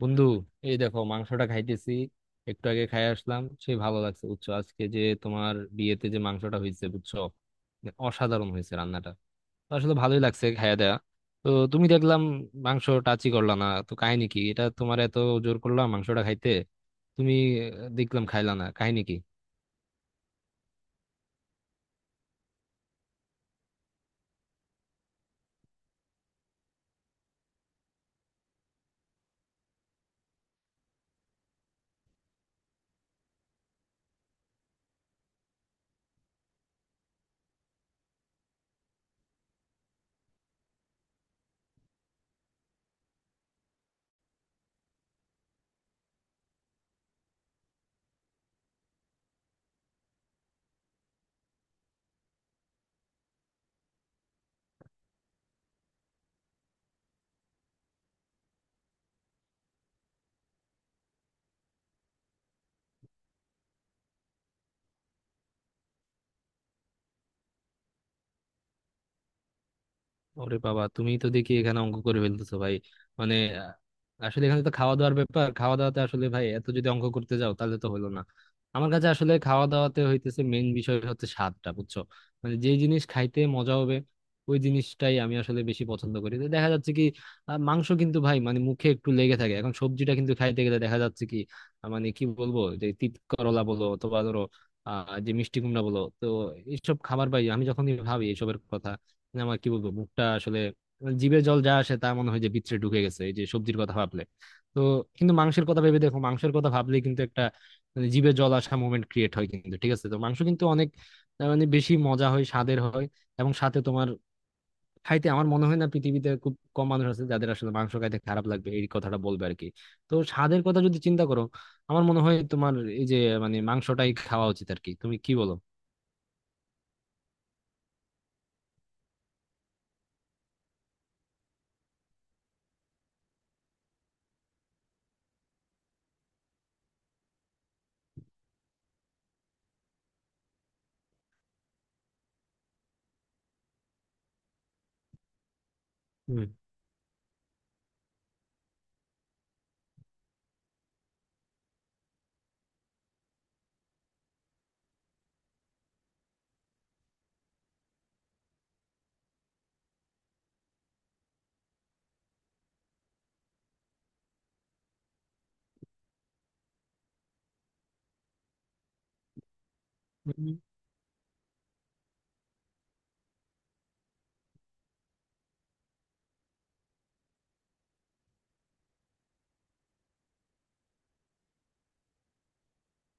বন্ধু, এই দেখো মাংসটা খাইতেছি। একটু আগে খাই আসলাম, সে ভালো লাগছে বুঝছো। আজকে যে তোমার বিয়েতে যে মাংসটা হয়েছে বুঝছো, অসাধারণ হয়েছে রান্নাটা। তো আসলে ভালোই লাগছে খাইয়া দেয়া। তো তুমি দেখলাম মাংস টাচই করলা না, তো কাহিনী কি এটা তোমার? এত জোর করলাম মাংসটা খাইতে তুমি। দেখলাম খাইলা না, কাহিনী কি? ওরে বাবা, তুমি তো দেখি এখানে অঙ্ক করে ফেলতেছো ভাই। মানে আহ, আসলে এখানে তো খাওয়া দাওয়ার ব্যাপার, খাওয়া দাওয়াতে আসলে ভাই এত যদি অঙ্ক করতে যাও তাহলে তো হলো না। আমার কাছে আসলে খাওয়া দাওয়াতে হইতেছে মেন বিষয় হচ্ছে স্বাদটা বুঝছো। মানে যে জিনিস খাইতে মজা হবে ওই জিনিসটাই আমি আসলে বেশি পছন্দ করি। তো দেখা যাচ্ছে কি মাংস কিন্তু ভাই মানে মুখে একটু লেগে থাকে। এখন সবজিটা কিন্তু খাইতে গেলে দেখা যাচ্ছে কি মানে কি বলবো, যে তিত করলা বলো অথবা ধরো যে মিষ্টি কুমড়া বলো, তো এইসব খাবার ভাই আমি যখনই ভাবি এইসবের কথা, মানে আমার কি বলবো মুখটা আসলে, মানে জিভে জল যা আসে তা মনে হয় যে ভিতরে ঢুকে গেছে এই যে সবজির কথা ভাবলে। তো কিন্তু মাংসের কথা ভেবে দেখো, মাংসের কথা ভাবলে কিন্তু একটা মানে জিভে জল আসা মোমেন্ট ক্রিয়েট হয় কিন্তু ঠিক আছে। তো মাংস কিন্তু অনেক মানে বেশি মজা হয়, স্বাদের হয়। এবং সাথে তোমার খাইতে আমার মনে হয় না পৃথিবীতে খুব কম মানুষ আছে যাদের আসলে মাংস খাইতে খারাপ লাগবে এই কথাটা বলবে আর কি। তো স্বাদের কথা যদি চিন্তা করো আমার মনে হয় তোমার এই যে মানে মাংসটাই খাওয়া উচিত আর কি, তুমি কি বলো? হুম।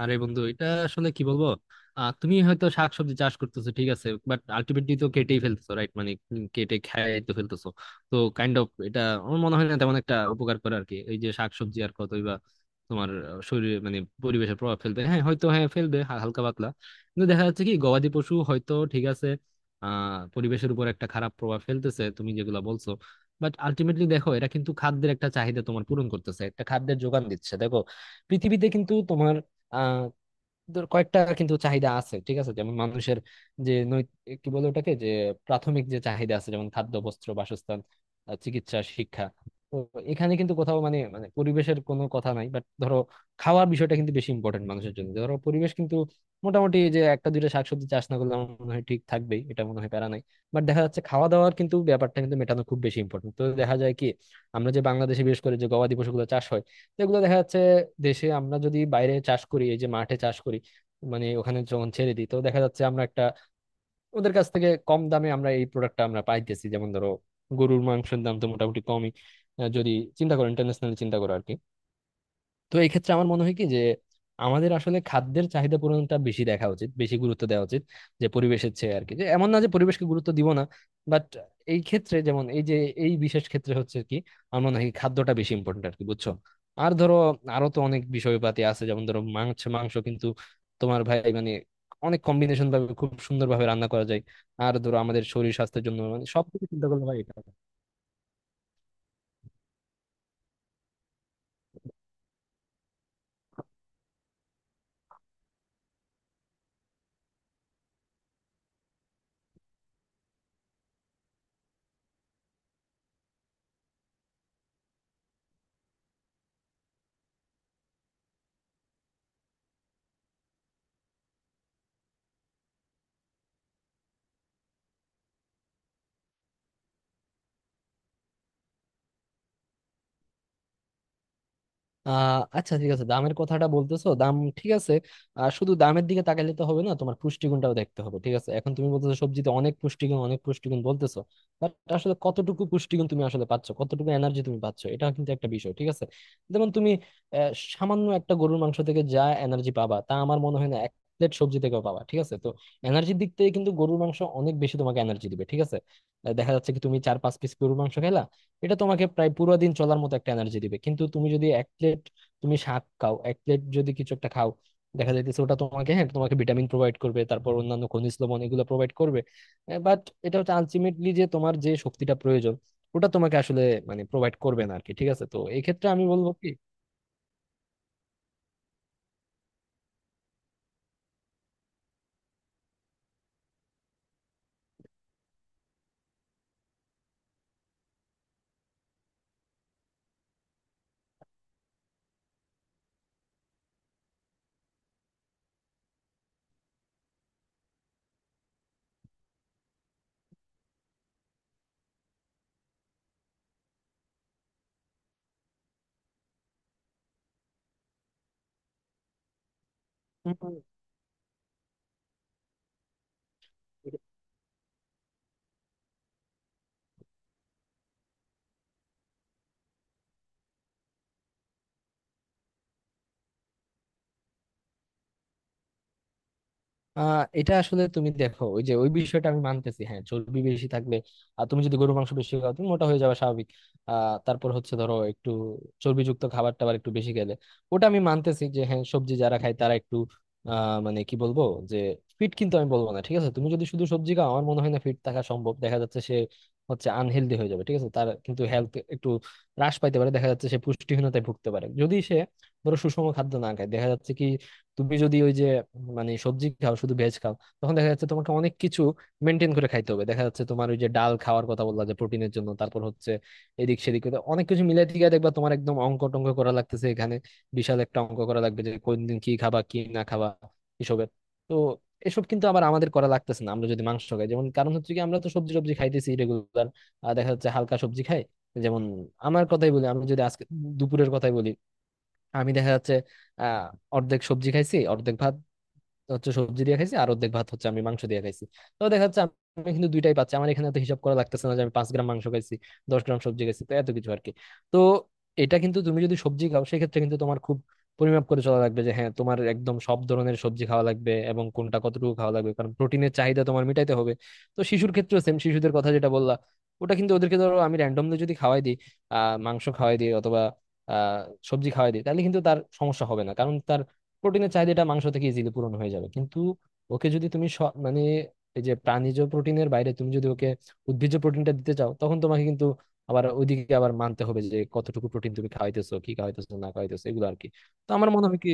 আরে বন্ধু, এটা আসলে কি বলবো। তুমি হয়তো শাকসবজি চাষ করতেছো ঠিক আছে, বাট আলটিমেটলি তো কেটেই ফেলতেছো রাইট, মানে কেটে খেয়ে তো ফেলতেছো। তো কাইন্ড অফ এটা আমার মনে হয় না তেমন একটা উপকার করে আর কি। এই যে শাকসবজি আর কতই বা তোমার শরীরে মানে পরিবেশে প্রভাব ফেলবে, হ্যাঁ হয়তো হ্যাঁ ফেলবে হালকা পাতলা। কিন্তু দেখা যাচ্ছে কি গবাদি পশু হয়তো ঠিক আছে আহ পরিবেশের উপর একটা খারাপ প্রভাব ফেলতেছে তুমি যেগুলা বলছো, বাট আলটিমেটলি দেখো এরা কিন্তু খাদ্যের একটা চাহিদা তোমার পূরণ করতেছে, একটা খাদ্যের যোগান দিচ্ছে দেখো। পৃথিবীতে কিন্তু তোমার আহ তোর কয়েকটা কিন্তু চাহিদা আছে ঠিক আছে, যেমন মানুষের যে কি বলে ওটাকে, যে প্রাথমিক যে চাহিদা আছে যেমন খাদ্য, বস্ত্র, বাসস্থান, চিকিৎসা, শিক্ষা। তো এখানে কিন্তু কোথাও মানে মানে পরিবেশের কোনো কথা নাই, বাট ধরো খাওয়ার বিষয়টা কিন্তু বেশি ইম্পর্টেন্ট মানুষের জন্য, যে ধরো পরিবেশ কিন্তু মোটামুটি যে একটা দুইটা শাকসবজি চাষ না করলে আমার মনে হয় ঠিক থাকবেই, এটা মনে হয় প্যারা নাই। বাট দেখা যাচ্ছে খাওয়া দাওয়ার কিন্তু ব্যাপারটা কিন্তু মেটানো খুব বেশি ইম্পর্টেন্ট। তো দেখা যায় কি আমরা যে বাংলাদেশে বিশেষ করে যে গবাদি পশুগুলো চাষ হয় এগুলো দেখা যাচ্ছে দেশে আমরা যদি বাইরে চাষ করি, এই যে মাঠে চাষ করি, মানে ওখানে যখন ছেড়ে দিই, তো দেখা যাচ্ছে আমরা একটা ওদের কাছ থেকে কম দামে আমরা এই প্রোডাক্টটা আমরা পাইতেছি। যেমন ধরো গরুর মাংসের দাম তো মোটামুটি কমই, যদি চিন্তা করো ইন্টারন্যাশনাল চিন্তা করো আর কি। তো এই ক্ষেত্রে আমার মনে হয় কি যে আমাদের আসলে খাদ্যের চাহিদা পূরণটা বেশি দেখা উচিত, বেশি গুরুত্ব দেওয়া উচিত যে পরিবেশের চেয়ে আর কি। যে এমন না যে পরিবেশকে গুরুত্ব দিব না, বাট এই ক্ষেত্রে যেমন এই যে এই বিশেষ ক্ষেত্রে হচ্ছে কি আমার মনে হয় কি খাদ্যটা বেশি ইম্পর্টেন্ট আর কি, বুঝছো? আর ধরো আরো তো অনেক বিষয়পাতি আছে, যেমন ধরো মাংস মাংস কিন্তু তোমার ভাই মানে অনেক কম্বিনেশন ভাবে খুব সুন্দর ভাবে রান্না করা যায়। আর ধরো আমাদের শরীর স্বাস্থ্যের জন্য মানে সবকিছু চিন্তা করলে ভাই আচ্ছা ঠিক আছে দামের কথাটা বলতেছো, দাম ঠিক আছে। শুধু দামের দিকে তাকাইলে তো হবে না, তোমার পুষ্টিগুণটাও দেখতে হবে ঠিক আছে। এখন তুমি বলতেছো সবজিতে অনেক পুষ্টিগুণ, অনেক পুষ্টিগুণ বলতেছো, বাট আসলে কতটুকু পুষ্টিগুণ তুমি আসলে পাচ্ছ, কতটুকু এনার্জি তুমি পাচ্ছ, এটা কিন্তু একটা বিষয় ঠিক আছে। যেমন তুমি সামান্য একটা গরুর মাংস থেকে যা এনার্জি পাবা তা আমার মনে হয় না এক প্লেট সবজি থেকেও পাবা ঠিক আছে। তো এনার্জির দিক থেকে কিন্তু গরুর মাংস অনেক বেশি তোমাকে এনার্জি দিবে ঠিক আছে। দেখা যাচ্ছে কি তুমি 4-5 পিস গরুর মাংস খেলা এটা তোমাকে প্রায় পুরো দিন চলার মতো একটা এনার্জি দিবে, কিন্তু তুমি যদি এক প্লেট তুমি শাক খাও, এক প্লেট যদি কিছু একটা খাও, দেখা যাইতেছে ওটা তোমাকে হ্যাঁ তোমাকে ভিটামিন প্রোভাইড করবে, তারপর অন্যান্য খনিজ লবণ এগুলো প্রোভাইড করবে। বাট এটা হচ্ছে আলটিমেটলি যে তোমার যে শক্তিটা প্রয়োজন ওটা তোমাকে আসলে মানে প্রোভাইড করবে না আর কি ঠিক আছে। তো এই ক্ষেত্রে আমি বলবো কি এটা আসলে তুমি দেখো, ওই যে ওই বিষয়টা আমি মানতেছি হ্যাঁ চর্বি বেশি থাকলে আর তুমি যদি গরুর মাংস বেশি খাও তুমি মোটা হয়ে যাবে স্বাভাবিক। তারপর হচ্ছে ধরো একটু চর্বিযুক্ত খাবার টাবার একটু বেশি খেলে ওটা আমি মানতেছি যে হ্যাঁ সবজি যারা খায় তারা একটু মানে কি বলবো যে ফিট কিন্তু আমি বলবো না ঠিক আছে। তুমি যদি শুধু সবজি খাও আমার মনে হয় না ফিট থাকা সম্ভব, দেখা যাচ্ছে সে হচ্ছে আনহেলদি হয়ে যাবে ঠিক আছে। তার কিন্তু হেলথ একটু হ্রাস পাইতে পারে, দেখা যাচ্ছে সে পুষ্টিহীনতায় ভুগতে পারে যদি সে ধরো সুষম খাদ্য না খায়। দেখা যাচ্ছে কি তুমি যদি ওই যে মানে সবজি খাও শুধু ভেজ খাও তখন দেখা যাচ্ছে তোমাকে অনেক কিছু মেনটেন করে খাইতে হবে। দেখা যাচ্ছে তোমার ওই যে ডাল খাওয়ার কথা বললা যে প্রোটিনের জন্য, তারপর হচ্ছে এদিক সেদিক করে অনেক কিছু মিলাই টিকে দেখবা তোমার একদম অঙ্ক টঙ্ক করা লাগতেছে এখানে। বিশাল একটা অঙ্ক করা লাগবে যে কোন দিন কি খাবা কি না খাবা এসবের। তো এসব কিন্তু আবার আমাদের করা লাগতেছে না আমরা যদি মাংস খাই যেমন, কারণ হচ্ছে কি আমরা তো সবজি টবজি খাইতেছি রেগুলার, দেখা যাচ্ছে হালকা সবজি খাই। যেমন আমার কথাই বলি, আমি যদি আজকে দুপুরের কথাই বলি, আমি দেখা যাচ্ছে আহ অর্ধেক সবজি খাইছি, অর্ধেক ভাত হচ্ছে সবজি দিয়ে খাইছি আর অর্ধেক ভাত হচ্ছে আমি মাংস দিয়ে খাইছি। তো দেখা যাচ্ছে আমি কিন্তু দুইটাই পাচ্ছি আমার এখানে, তো হিসাব করা লাগতেছে না যে আমি 5 গ্রাম মাংস খাইছি, 10 গ্রাম সবজি খাইছি তো এত কিছু আর কি। তো এটা কিন্তু তুমি যদি সবজি খাও সেক্ষেত্রে কিন্তু তোমার খুব পরিমাপ করে চলা লাগবে যে হ্যাঁ তোমার একদম সব ধরনের সবজি খাওয়া লাগবে এবং কোনটা কতটুকু খাওয়া লাগবে কারণ প্রোটিনের চাহিদা তোমার মিটাইতে হবে। তো শিশুর ক্ষেত্রেও সেম, শিশুদের কথা যেটা বললা ওটা কিন্তু ওদেরকে ধরো আমি র্যান্ডমলি যদি খাওয়াই দিই মাংস খাওয়াই দিই অথবা আহ সবজি খাওয়াই দিই তাহলে কিন্তু তার সমস্যা হবে না, কারণ তার প্রোটিনের চাহিদাটা মাংস থেকে ইজিলি পূরণ হয়ে যাবে। কিন্তু ওকে যদি তুমি মানে এই যে প্রাণীজ প্রোটিনের বাইরে তুমি যদি ওকে উদ্ভিজ্জ প্রোটিনটা দিতে চাও তখন তোমাকে কিন্তু আবার ওইদিকে আবার মানতে হবে যে কতটুকু প্রোটিন তুমি খাওয়াইতেছো কি খাওয়াইতেছো না খাওয়াইতেছো এগুলো আর কি। তো আমার মনে হয় কি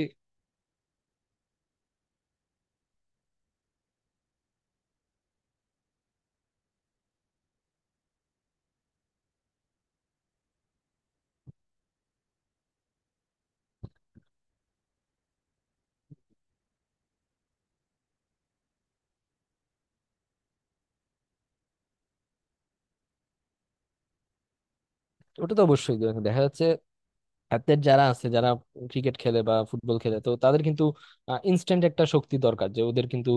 ওটা তো অবশ্যই। দেখা যাচ্ছে অ্যাথলেট যারা আছে যারা ক্রিকেট খেলে বা ফুটবল খেলে তো তাদের কিন্তু ইনস্ট্যান্ট একটা শক্তি দরকার যে ওদের কিন্তু,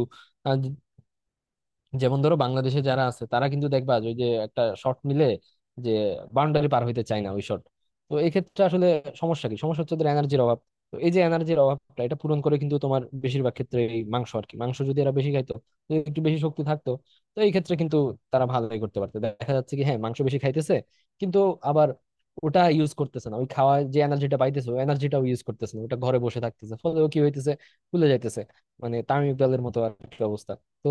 যেমন ধরো বাংলাদেশে যারা আছে তারা কিন্তু দেখবা যে ওই যে একটা শট নিলে যে বাউন্ডারি পার হইতে চায় না ওই শট। তো এই ক্ষেত্রে আসলে সমস্যা কি, সমস্যা হচ্ছে ওদের এনার্জির অভাব। তো এই যে এনার্জির অভাবটা এটা পূরণ করে কিন্তু তোমার বেশিরভাগ ক্ষেত্রে এই মাংস আর কি, মাংস যদি এরা বেশি খাইতো যদি একটু বেশি শক্তি থাকতো তো এই ক্ষেত্রে কিন্তু তারা ভালোই করতে পারতো। দেখা যাচ্ছে কি হ্যাঁ মাংস বেশি খাইতেছে কিন্তু আবার ওটা ইউজ করতেছে না, ওই খাওয়া যে এনার্জিটা পাইতেছে ওই এনার্জিটাও ইউজ করতেছে না, ওটা ঘরে বসে থাকতেছে ফলে ও কি হইতেছে, ফুলে যাইতেছে, মানে তামিম ইকবালের মতো আর কি অবস্থা। তো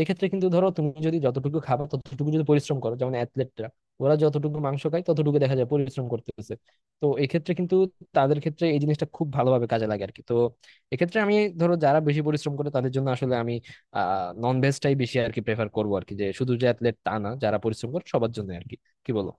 এক্ষেত্রে কিন্তু ধরো তুমি যদি যতটুকু খাবার ততটুকু যদি পরিশ্রম করো, যেমন অ্যাথলেটরা ওরা যতটুকু মাংস খায় ততটুকু দেখা যায় পরিশ্রম করতেছে, তো এক্ষেত্রে কিন্তু তাদের ক্ষেত্রে এই জিনিসটা খুব ভালোভাবে কাজে লাগে আর কি। তো এক্ষেত্রে আমি ধরো যারা বেশি পরিশ্রম করে তাদের জন্য আসলে আমি নন ভেজটাই বেশি আর কি প্রেফার করবো আর কি, যে শুধু যে অ্যাথলেট তা না, যারা পরিশ্রম করে সবার জন্য আর কি, কি বলো?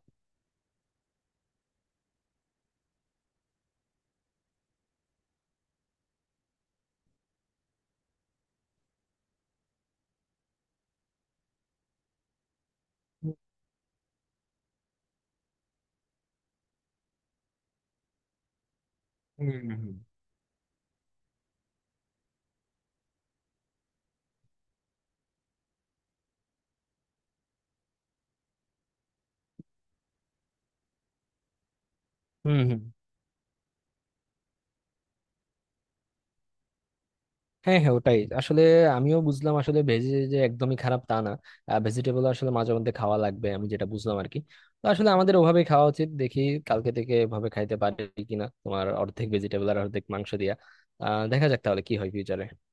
হুম হুম। হ্যাঁ হ্যাঁ ওটাই আসলে আমিও বুঝলাম আসলে ভেজ যে একদমই খারাপ তা না, ভেজিটেবল আসলে মাঝে মধ্যে খাওয়া লাগবে আমি যেটা বুঝলাম আর কি। তো আসলে আমাদের ওভাবে খাওয়া উচিত, দেখি কালকে থেকে এভাবে খাইতে পারি কিনা, তোমার অর্ধেক ভেজিটেবল আর অর্ধেক মাংস দিয়া দেখা যাক তাহলে কি হয় ফিউচারে।